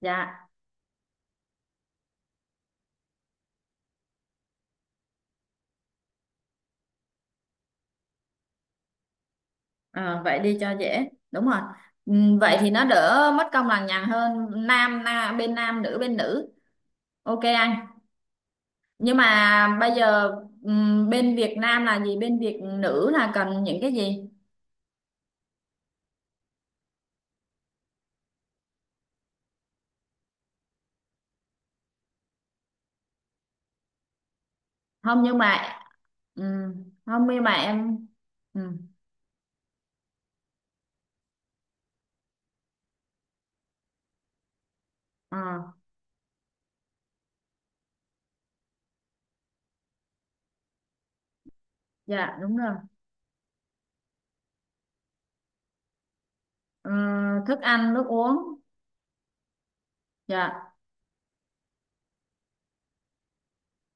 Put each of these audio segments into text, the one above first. Dạ, ờ, vậy đi cho dễ. Đúng rồi. Vậy thì nó đỡ mất công lằng nhằng hơn, nam, na bên nam nữ bên nữ. Ok anh. Nhưng mà bây giờ, bên Việt Nam là gì? Bên Việt nữ là cần những cái gì? Không nhưng mà, không nhưng mà em, ừm, ờ, dạ đúng rồi. Ờ, Thức ăn, nước uống. Dạ,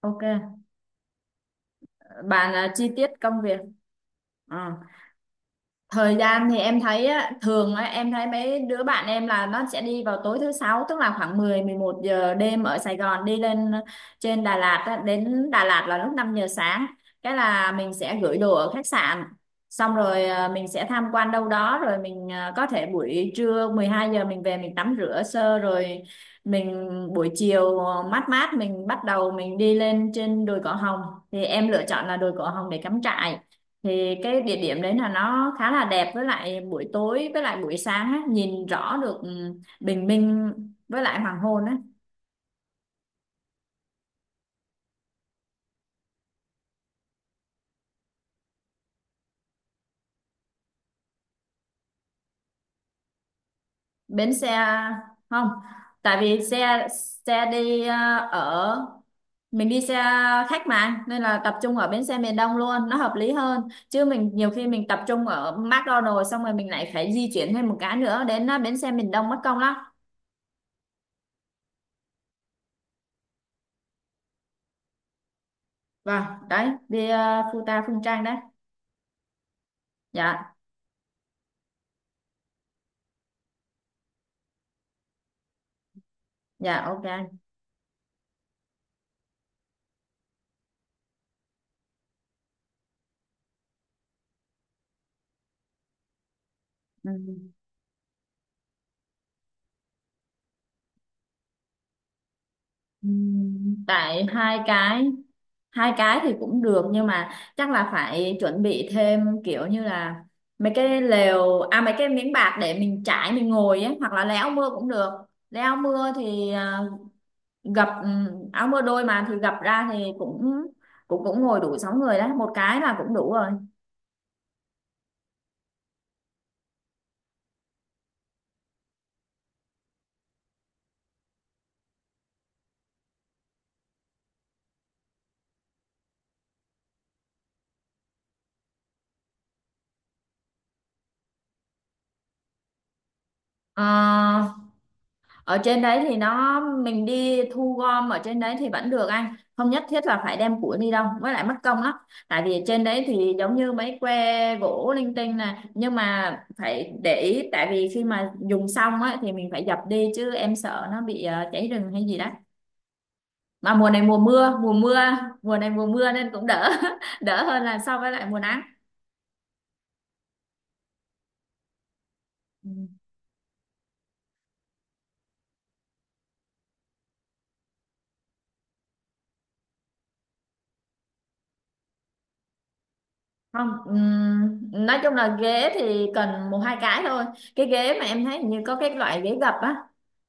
ok. Bạn, chi tiết công việc. Ờ. Thời gian thì em thấy á, thường á, em thấy mấy đứa bạn em là nó sẽ đi vào tối thứ sáu, tức là khoảng 10-11 giờ đêm ở Sài Gòn đi lên, trên Đà Lạt á, đến Đà Lạt là lúc 5 giờ sáng, cái là mình sẽ gửi đồ ở khách sạn, xong rồi mình sẽ tham quan đâu đó, rồi mình có thể buổi trưa 12 giờ mình về mình tắm rửa sơ, rồi mình buổi chiều mát mát mình bắt đầu mình đi lên trên đồi Cỏ Hồng. Thì em lựa chọn là đồi Cỏ Hồng để cắm trại, thì cái địa điểm đấy là nó khá là đẹp, với lại buổi tối với lại buổi sáng á, nhìn rõ được, bình minh với lại hoàng hôn á. Bến xe. Không, tại vì xe, đi, ở, mình đi xe khách mà nên là tập trung ở bến xe miền Đông luôn nó hợp lý hơn, chứ mình nhiều khi mình tập trung ở McDonald's xong rồi mình lại phải di chuyển thêm một cái nữa đến, bến xe miền Đông mất công lắm. Vâng. Đấy, đi Phu ta Phương Trang đấy. Dạ. Dạ ok anh. Ừ. Tại hai cái, hai cái thì cũng được nhưng mà chắc là phải chuẩn bị thêm kiểu như là mấy cái lều, à, mấy cái miếng bạt để mình trải mình ngồi ấy, hoặc là lấy áo mưa cũng được. Lấy áo mưa thì, gập, áo mưa đôi mà thì gập ra thì cũng, cũng ngồi đủ 6 người đấy, một cái là cũng đủ rồi. Ờ, ở trên đấy thì nó mình đi thu gom ở trên đấy thì vẫn được anh, không nhất thiết là phải đem củi đi đâu, với lại mất công lắm. Tại vì trên đấy thì giống như mấy que gỗ linh tinh này, nhưng mà phải để ý, tại vì khi mà dùng xong á thì mình phải dập đi, chứ em sợ nó bị, cháy rừng hay gì đó, mà mùa này mùa mưa, mùa này mùa mưa nên cũng đỡ. Đỡ hơn là so với lại mùa nắng. Ừ. Không, nói chung là ghế thì cần 1-2 cái thôi. Cái ghế mà em thấy hình như có cái loại ghế gập á,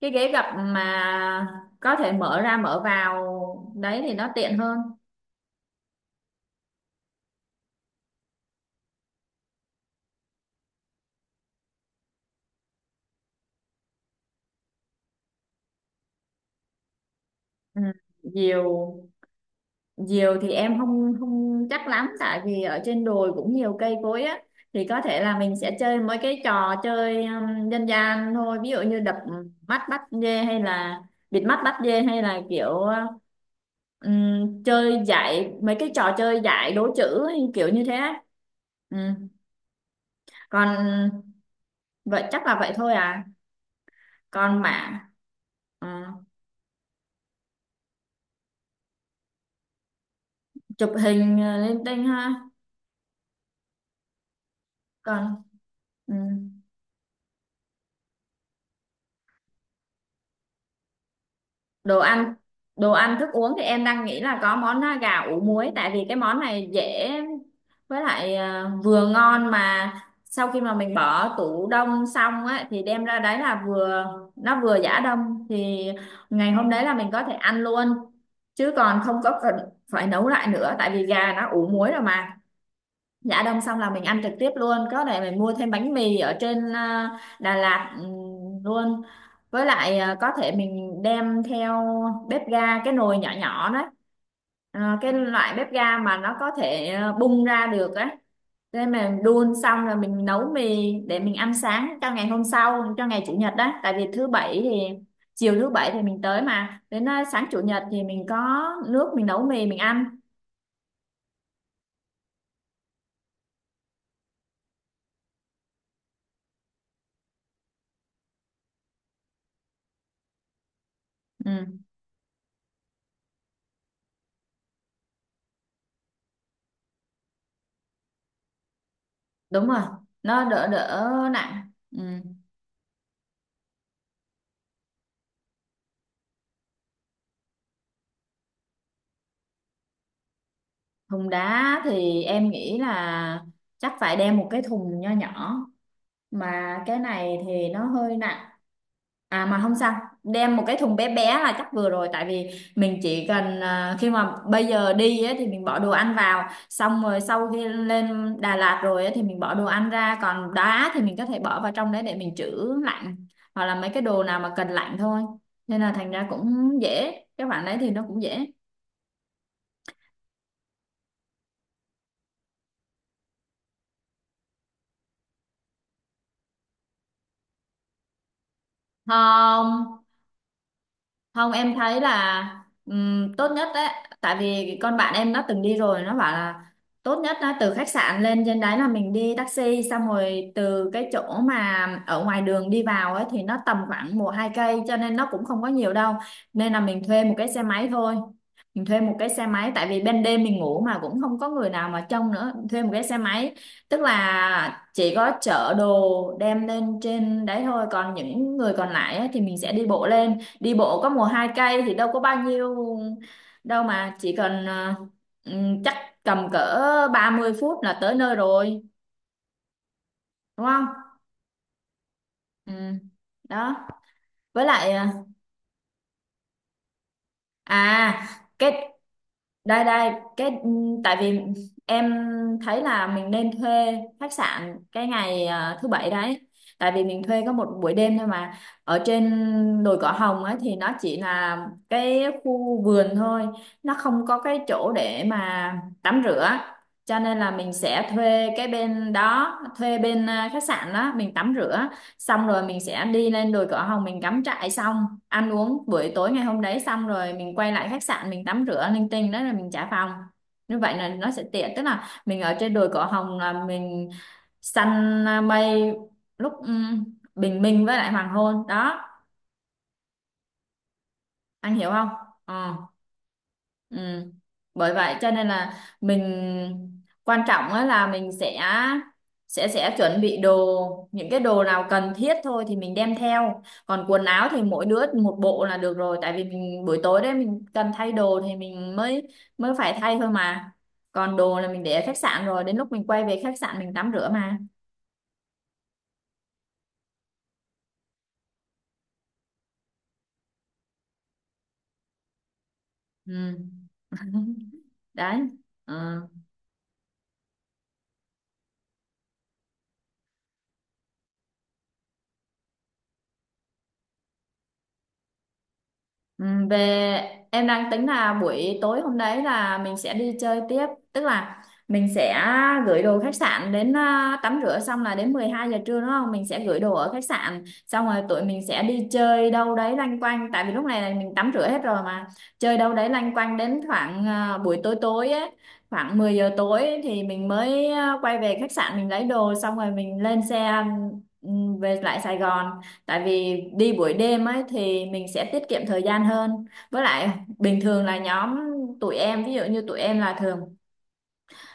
cái ghế gập mà có thể mở ra mở vào, đấy thì nó tiện hơn. Ừ, nhiều. Diều thì em không, không chắc lắm, tại vì ở trên đồi cũng nhiều cây cối á, thì có thể là mình sẽ chơi mấy cái trò chơi, dân gian thôi, ví dụ như đập mắt bắt dê hay là bịt mắt bắt dê, hay là kiểu, chơi giải mấy cái trò chơi giải đố chữ hay kiểu như thế á. Ừ. Còn, vậy chắc là vậy thôi à. Còn mà, ừ, chụp hình lên tinh ha. Còn. Ừ. Đồ ăn, thức uống thì em đang nghĩ là có món, gà ủ muối, tại vì cái món này dễ, với lại vừa ngon, mà sau khi mà mình bỏ tủ đông xong á thì đem ra đấy là vừa, nó vừa giã đông thì ngày hôm đấy là mình có thể ăn luôn, chứ còn không có cần phải nấu lại nữa, tại vì gà nó ủ muối rồi mà. Dạ đông xong là mình ăn trực tiếp luôn. Có thể mình mua thêm bánh mì ở trên, Đà Lạt, luôn. Với lại có thể mình đem theo bếp ga, cái nồi nhỏ nhỏ đấy. Ờ, cái loại bếp ga mà nó có thể bung ra được á, nên mình đun xong rồi mình nấu mì để mình ăn sáng cho ngày hôm sau, cho ngày Chủ nhật đó. Tại vì thứ bảy thì, chiều thứ bảy thì mình tới mà, đến, sáng Chủ nhật thì mình có nước mình nấu mì mình ăn. Ừ. Đúng rồi, nó đỡ đỡ nặng. Ừ. Thùng đá thì em nghĩ là chắc phải đem một cái thùng nho nhỏ, mà cái này thì nó hơi nặng. À, mà không sao, đem một cái thùng bé bé là chắc vừa rồi, tại vì mình chỉ cần, khi mà bây giờ đi á, thì mình bỏ đồ ăn vào, xong rồi sau khi lên Đà Lạt rồi á, thì mình bỏ đồ ăn ra, còn đá thì mình có thể bỏ vào trong đấy để mình trữ lạnh, hoặc là mấy cái đồ nào mà cần lạnh thôi, nên là thành ra cũng dễ, cái khoản đấy thì nó cũng dễ. Không, không, em thấy là, tốt nhất đấy, tại vì con bạn em nó từng đi rồi, nó bảo là tốt nhất là từ khách sạn lên trên đấy là mình đi taxi, xong rồi từ cái chỗ mà ở ngoài đường đi vào ấy thì nó tầm khoảng 1-2 cây cho nên nó cũng không có nhiều đâu, nên là mình thuê một cái xe máy thôi. Mình thuê một cái xe máy tại vì ban đêm mình ngủ mà cũng không có người nào mà trông nữa, thuê một cái xe máy tức là chỉ có chở đồ đem lên trên đấy thôi, còn những người còn lại ấy thì mình sẽ đi bộ lên. Đi bộ có mùa hai cây thì đâu có bao nhiêu đâu mà, chỉ cần, chắc tầm cỡ 30 phút là tới nơi rồi, đúng không. Ừ. Đó. Với lại, ờ, à cái đây đây cái, ừ, tại vì em thấy là mình nên thuê khách sạn cái ngày, thứ bảy đấy, tại vì mình thuê có một buổi đêm thôi mà. Ở trên đồi Cỏ Hồng ấy thì nó chỉ là cái khu vườn thôi, nó không có cái chỗ để mà tắm rửa, cho nên là mình sẽ thuê cái bên đó, thuê bên, khách sạn đó mình tắm rửa xong rồi mình sẽ đi lên đồi Cỏ Hồng mình cắm trại xong ăn uống buổi tối ngày hôm đấy, xong rồi mình quay lại khách sạn mình tắm rửa linh tinh đó là mình trả phòng. Như vậy là nó sẽ tiện, tức là mình ở trên đồi Cỏ Hồng là mình săn mây lúc, bình minh với lại hoàng hôn đó, anh hiểu không. Ừ. Ừ. Bởi vậy cho nên là mình, quan trọng á là mình sẽ, chuẩn bị đồ những cái đồ nào cần thiết thôi thì mình đem theo, còn quần áo thì mỗi đứa một bộ là được rồi, tại vì mình buổi tối đấy mình cần thay đồ thì mình mới, phải thay thôi mà, còn đồ là mình để ở khách sạn rồi đến lúc mình quay về khách sạn mình tắm rửa mà. Ừ. Đấy. Ừ. Ừ, về. Em đang tính là buổi tối hôm đấy là mình sẽ đi chơi tiếp, tức là mình sẽ gửi đồ khách sạn đến, tắm rửa xong là đến 12 giờ trưa đúng không, mình sẽ gửi đồ ở khách sạn xong rồi tụi mình sẽ đi chơi đâu đấy loanh quanh, tại vì lúc này là mình tắm rửa hết rồi mà, chơi đâu đấy loanh quanh đến khoảng, buổi tối tối ấy, khoảng 10 giờ tối ấy, thì mình mới, quay về khách sạn mình lấy đồ xong rồi mình lên xe, ừ, về lại Sài Gòn. Tại vì đi buổi đêm ấy thì mình sẽ tiết kiệm thời gian hơn. Với lại bình thường là nhóm tụi em, ví dụ như tụi em là thường,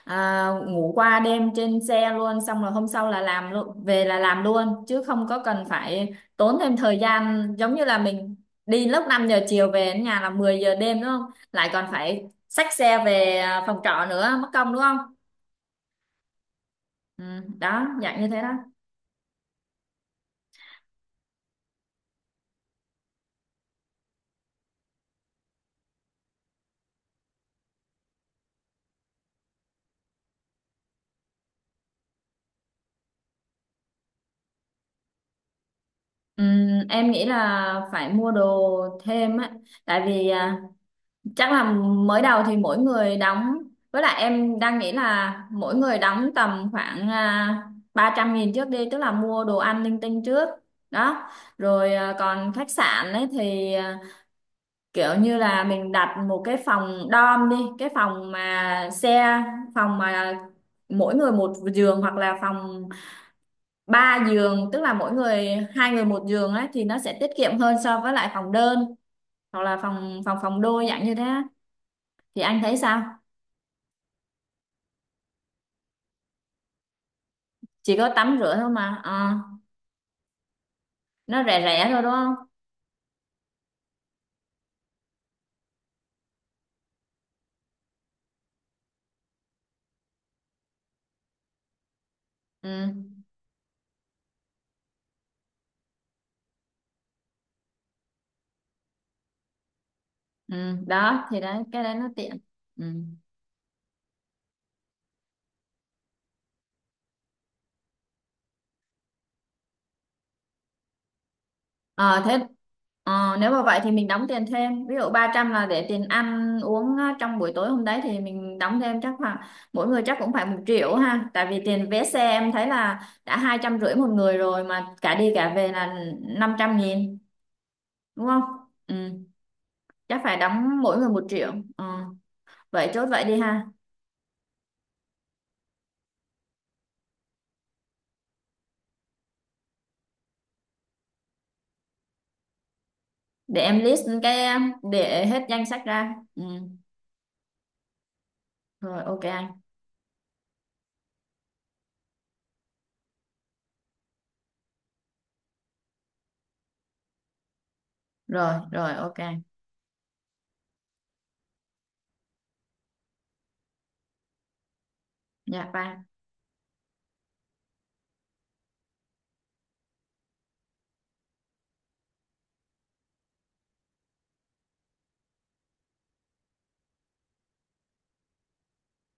ngủ qua đêm trên xe luôn, xong rồi hôm sau là làm luôn, về là làm luôn, chứ không có cần phải tốn thêm thời gian giống như là mình đi lúc 5 giờ chiều về đến nhà là 10 giờ đêm đúng không? Lại còn phải xách xe về, phòng trọ nữa, mất công đúng không? Ừ, đó, dạng như thế đó. Ừ, em nghĩ là phải mua đồ thêm á, tại vì, chắc là mới đầu thì mỗi người đóng, với lại em đang nghĩ là mỗi người đóng tầm khoảng, 300 nghìn trước đi, tức là mua đồ ăn linh tinh trước đó, rồi, còn khách sạn ấy thì, kiểu như là mình đặt một cái phòng dorm đi, cái phòng mà xe, phòng mà mỗi người một giường, hoặc là phòng 3 giường tức là mỗi người, hai người một giường ấy, thì nó sẽ tiết kiệm hơn so với lại phòng đơn, hoặc là phòng, phòng đôi dạng như thế á, thì anh thấy sao? Chỉ có tắm rửa thôi mà. Ờ, nó rẻ rẻ thôi đúng không. Ừ. Ừ, đó thì đấy, cái đấy nó tiện. Ừ. Ờ, thế, nếu mà vậy thì mình đóng tiền thêm, ví dụ 300 là để tiền ăn uống á, trong buổi tối hôm đấy thì mình đóng thêm chắc khoảng, mỗi người chắc cũng phải 1 triệu ha, tại vì tiền vé xe em thấy là đã 250 một người rồi, mà cả đi cả về là 500 nghìn đúng không. Ừ. Chắc phải đóng mỗi người 1 triệu. Ờ, vậy chốt vậy đi ha. Để em list cái, để hết danh sách ra. Ừ. Rồi ok anh. Rồi rồi ok anh. Dạ bye.